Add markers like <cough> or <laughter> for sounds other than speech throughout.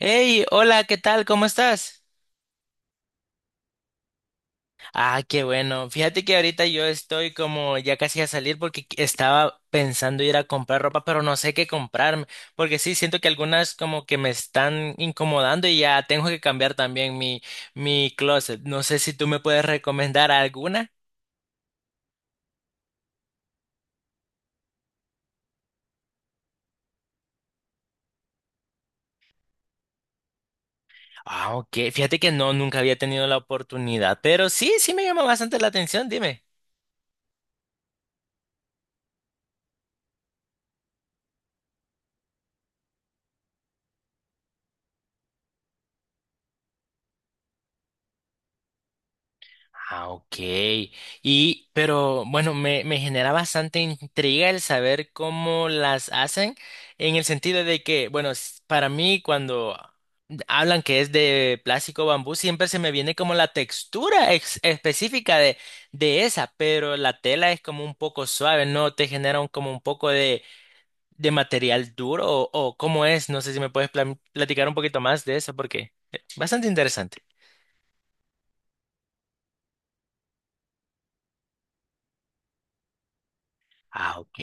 Hey, hola, ¿qué tal? ¿Cómo estás? Ah, qué bueno. Fíjate que ahorita yo estoy como ya casi a salir porque estaba pensando ir a comprar ropa, pero no sé qué comprarme, porque sí, siento que algunas como que me están incomodando y ya tengo que cambiar también mi, closet. No sé si tú me puedes recomendar alguna. Ah, ok. Fíjate que no, nunca había tenido la oportunidad, pero sí, sí me llama bastante la atención, dime. Ah, ok. Y, pero bueno, me genera bastante intriga el saber cómo las hacen, en el sentido de que, bueno, para mí cuando hablan que es de plástico o bambú, siempre se me viene como la textura específica de, esa, pero la tela es como un poco suave, ¿no? Te genera como un poco de, material duro o, cómo es, no sé si me puedes platicar un poquito más de eso porque es bastante interesante. Ah, ok.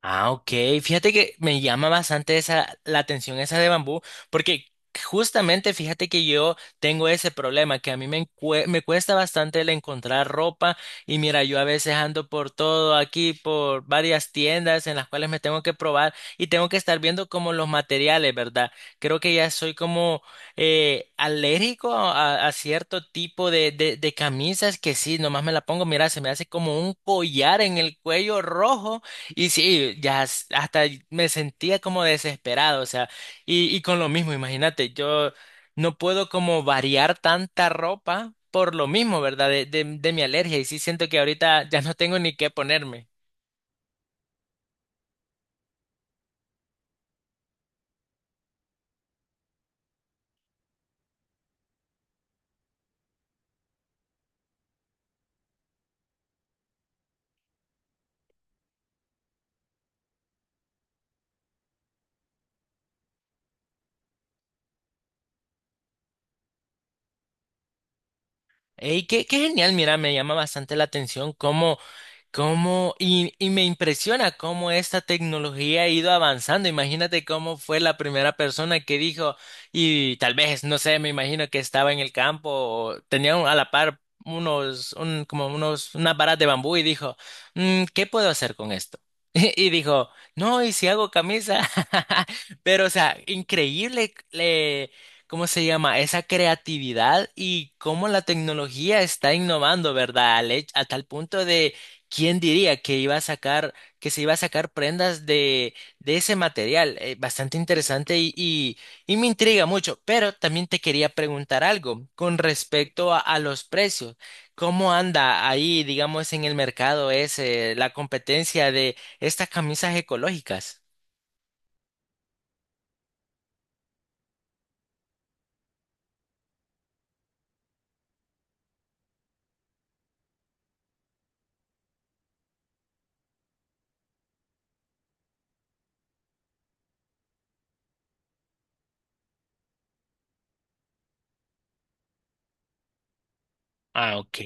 Ah, ok. Fíjate que me llama bastante esa, la atención esa de bambú, porque justamente fíjate que yo tengo ese problema, que a mí me cuesta bastante el encontrar ropa y mira, yo a veces ando por todo aquí, por varias tiendas en las cuales me tengo que probar y tengo que estar viendo como los materiales, ¿verdad? Creo que ya soy como alérgico a cierto tipo de camisas que sí, nomás me la pongo, mira, se me hace como un collar en el cuello rojo. Y sí, ya hasta me sentía como desesperado, o sea, y con lo mismo, imagínate, yo no puedo como variar tanta ropa por lo mismo, ¿verdad? De mi alergia, y sí siento que ahorita ya no tengo ni qué ponerme. Ey, qué genial, mira, me llama bastante la atención cómo, y me impresiona cómo esta tecnología ha ido avanzando. Imagínate cómo fue la primera persona que dijo, y tal vez, no sé, me imagino que estaba en el campo, o tenía a la par como unos, unas varas de bambú y dijo, "Mm, ¿qué puedo hacer con esto? <laughs> Y dijo, no, ¿y si hago camisa?" <laughs> Pero, o sea, increíble, ¿cómo se llama? Esa creatividad y cómo la tecnología está innovando, ¿verdad? A tal punto de. ¿Quién diría que iba a sacar, que se iba a sacar prendas de, ese material? Bastante interesante y me intriga mucho. Pero también te quería preguntar algo con respecto a los precios. ¿Cómo anda ahí, digamos, en el mercado ese, la competencia de estas camisas ecológicas? Ah, ok.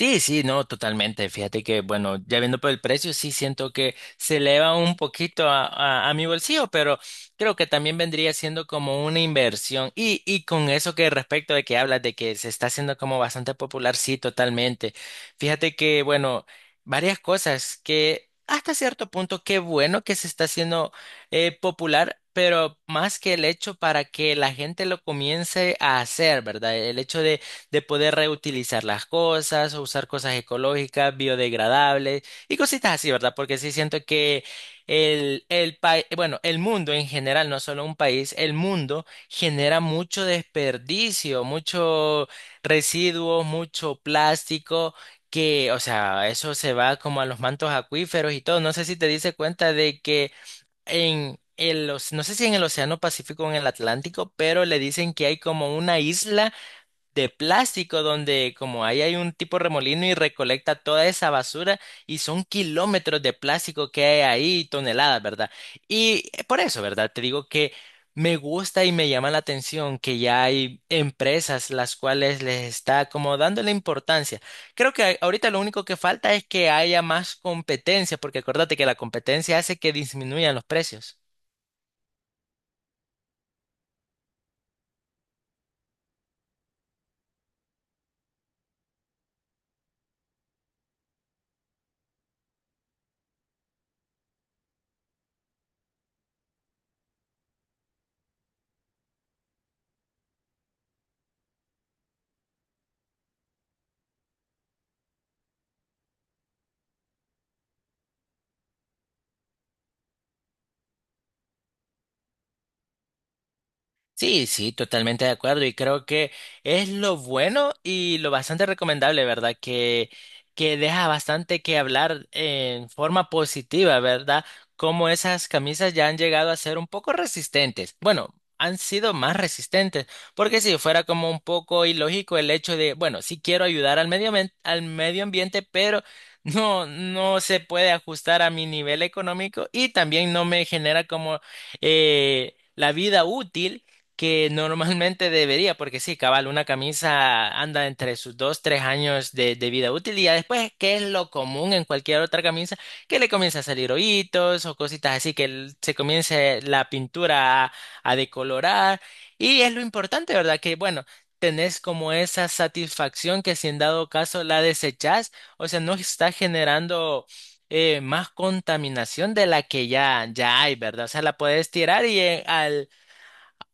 Sí, sí, no, totalmente. Fíjate que, bueno, ya viendo por el precio, sí siento que se eleva un poquito a mi bolsillo, pero creo que también vendría siendo como una inversión. Y con eso que respecto de que hablas de que se está haciendo como bastante popular, sí, totalmente. Fíjate que, bueno, varias cosas que hasta cierto punto, qué bueno que se está haciendo popular. Pero más que el hecho para que la gente lo comience a hacer, ¿verdad? El hecho de poder reutilizar las cosas, o usar cosas ecológicas, biodegradables y cositas así, ¿verdad? Porque sí siento que el país, bueno, el mundo en general, no solo un país, el mundo genera mucho desperdicio, mucho residuos, mucho plástico. Que, o sea, eso se va como a los mantos acuíferos y todo. No sé si te diste cuenta de que no sé si en el Océano Pacífico o en el Atlántico, pero le dicen que hay como una isla de plástico donde como ahí hay un tipo remolino y recolecta toda esa basura y son kilómetros de plástico que hay ahí, toneladas, ¿verdad? Por eso, ¿verdad? Te digo que me gusta y me llama la atención que ya hay empresas las cuales les está como dando la importancia. Creo que ahorita lo único que falta es que haya más competencia, porque acuérdate que la competencia hace que disminuyan los precios. Sí, sí, totalmente de acuerdo y creo que es lo bueno y lo bastante recomendable, ¿verdad? Que deja bastante que hablar en forma positiva, ¿verdad? Como esas camisas ya han llegado a ser un poco resistentes. Bueno, han sido más resistentes, porque si fuera como un poco ilógico el hecho de, bueno, sí quiero ayudar al medio ambiente, pero <laughs> no, no se puede ajustar a mi nivel económico y también no me genera como. La vida útil que normalmente debería, porque sí, cabal, una camisa anda entre sus 2, 3 años de vida útil y ya después, ¿qué es lo común en cualquier otra camisa? Que le comienza a salir hoyitos o cositas así, que se comience la pintura a decolorar y es lo importante, ¿verdad? Que bueno, tenés como esa satisfacción que si en dado caso la desechás, o sea, no está generando más contaminación de la que ya, ya hay, ¿verdad? O sea, la puedes tirar y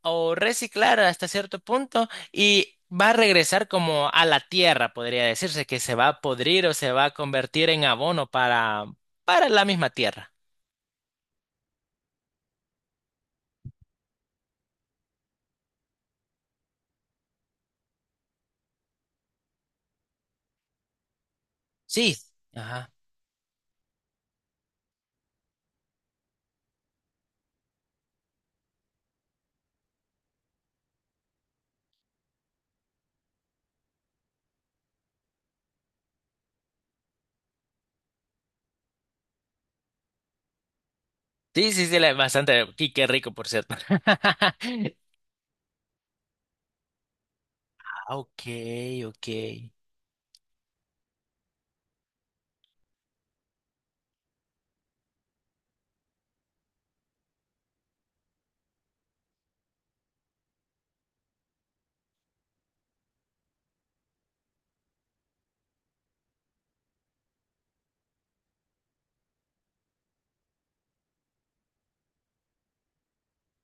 o reciclar hasta cierto punto y va a regresar como a la tierra, podría decirse, que se va a podrir o se va a convertir en abono para la misma tierra. Sí, ajá. Sí, sí, sí, bastante. Y qué rico, por cierto. <laughs> Ah, ok, ok.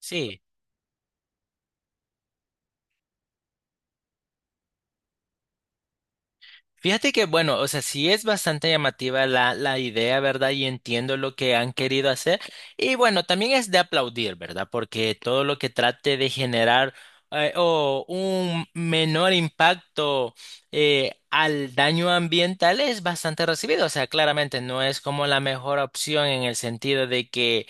Sí. Fíjate que, bueno, o sea, sí es bastante llamativa la idea, ¿verdad? Y entiendo lo que han querido hacer. Y bueno, también es de aplaudir, ¿verdad? Porque todo lo que trate de generar o un menor impacto al daño ambiental es bastante recibido. O sea, claramente no es como la mejor opción en el sentido de que,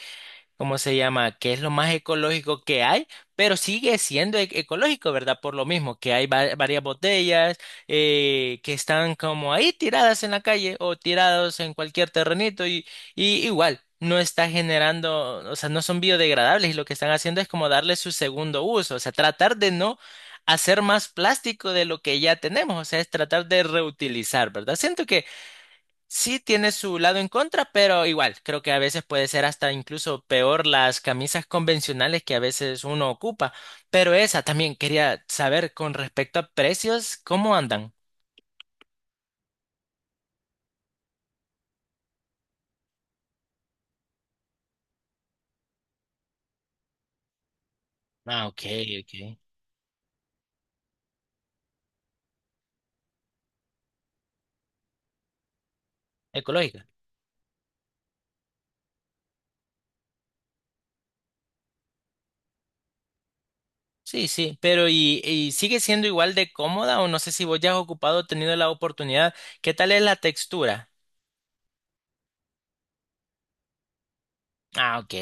¿cómo se llama? Que es lo más ecológico que hay, pero sigue siendo ecológico, ¿verdad? Por lo mismo, que hay varias botellas que están como ahí tiradas en la calle o tirados en cualquier terrenito y igual. No está generando, o sea, no son biodegradables y lo que están haciendo es como darle su segundo uso, o sea, tratar de no hacer más plástico de lo que ya tenemos, o sea, es tratar de reutilizar, ¿verdad? Siento Sí tiene su lado en contra, pero igual, creo que a veces puede ser hasta incluso peor las camisas convencionales que a veces uno ocupa. Pero esa también quería saber con respecto a precios, ¿cómo andan? Ah, ok, ok. Ecológica. Sí, sí, pero ¿y sigue siendo igual de cómoda o no sé si vos ya has ocupado, tenido la oportunidad? ¿Qué tal es la textura? Ah, ok.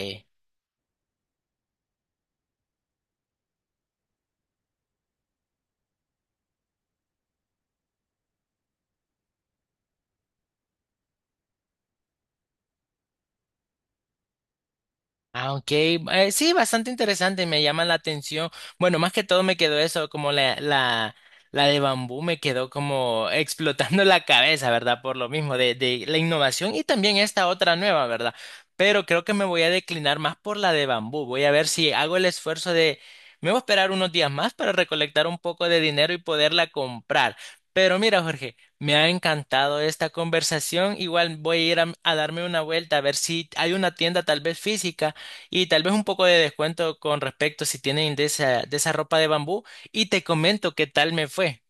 Ah, ok. Sí, bastante interesante, me llama la atención. Bueno, más que todo me quedó eso, como la, la de bambú me quedó como <laughs> explotando la cabeza, ¿verdad? Por lo mismo, de la innovación y también esta otra nueva, ¿verdad? Pero creo que me voy a declinar más por la de bambú. Voy a ver si hago el esfuerzo de. Me voy a esperar unos días más para recolectar un poco de dinero y poderla comprar. Pero mira, Jorge, me ha encantado esta conversación. Igual voy a ir a darme una vuelta a ver si hay una tienda tal vez física y tal vez un poco de descuento con respecto si tienen de esa ropa de bambú. Y te comento qué tal me fue.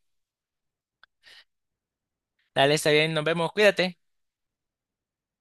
Dale, está bien, nos vemos, cuídate.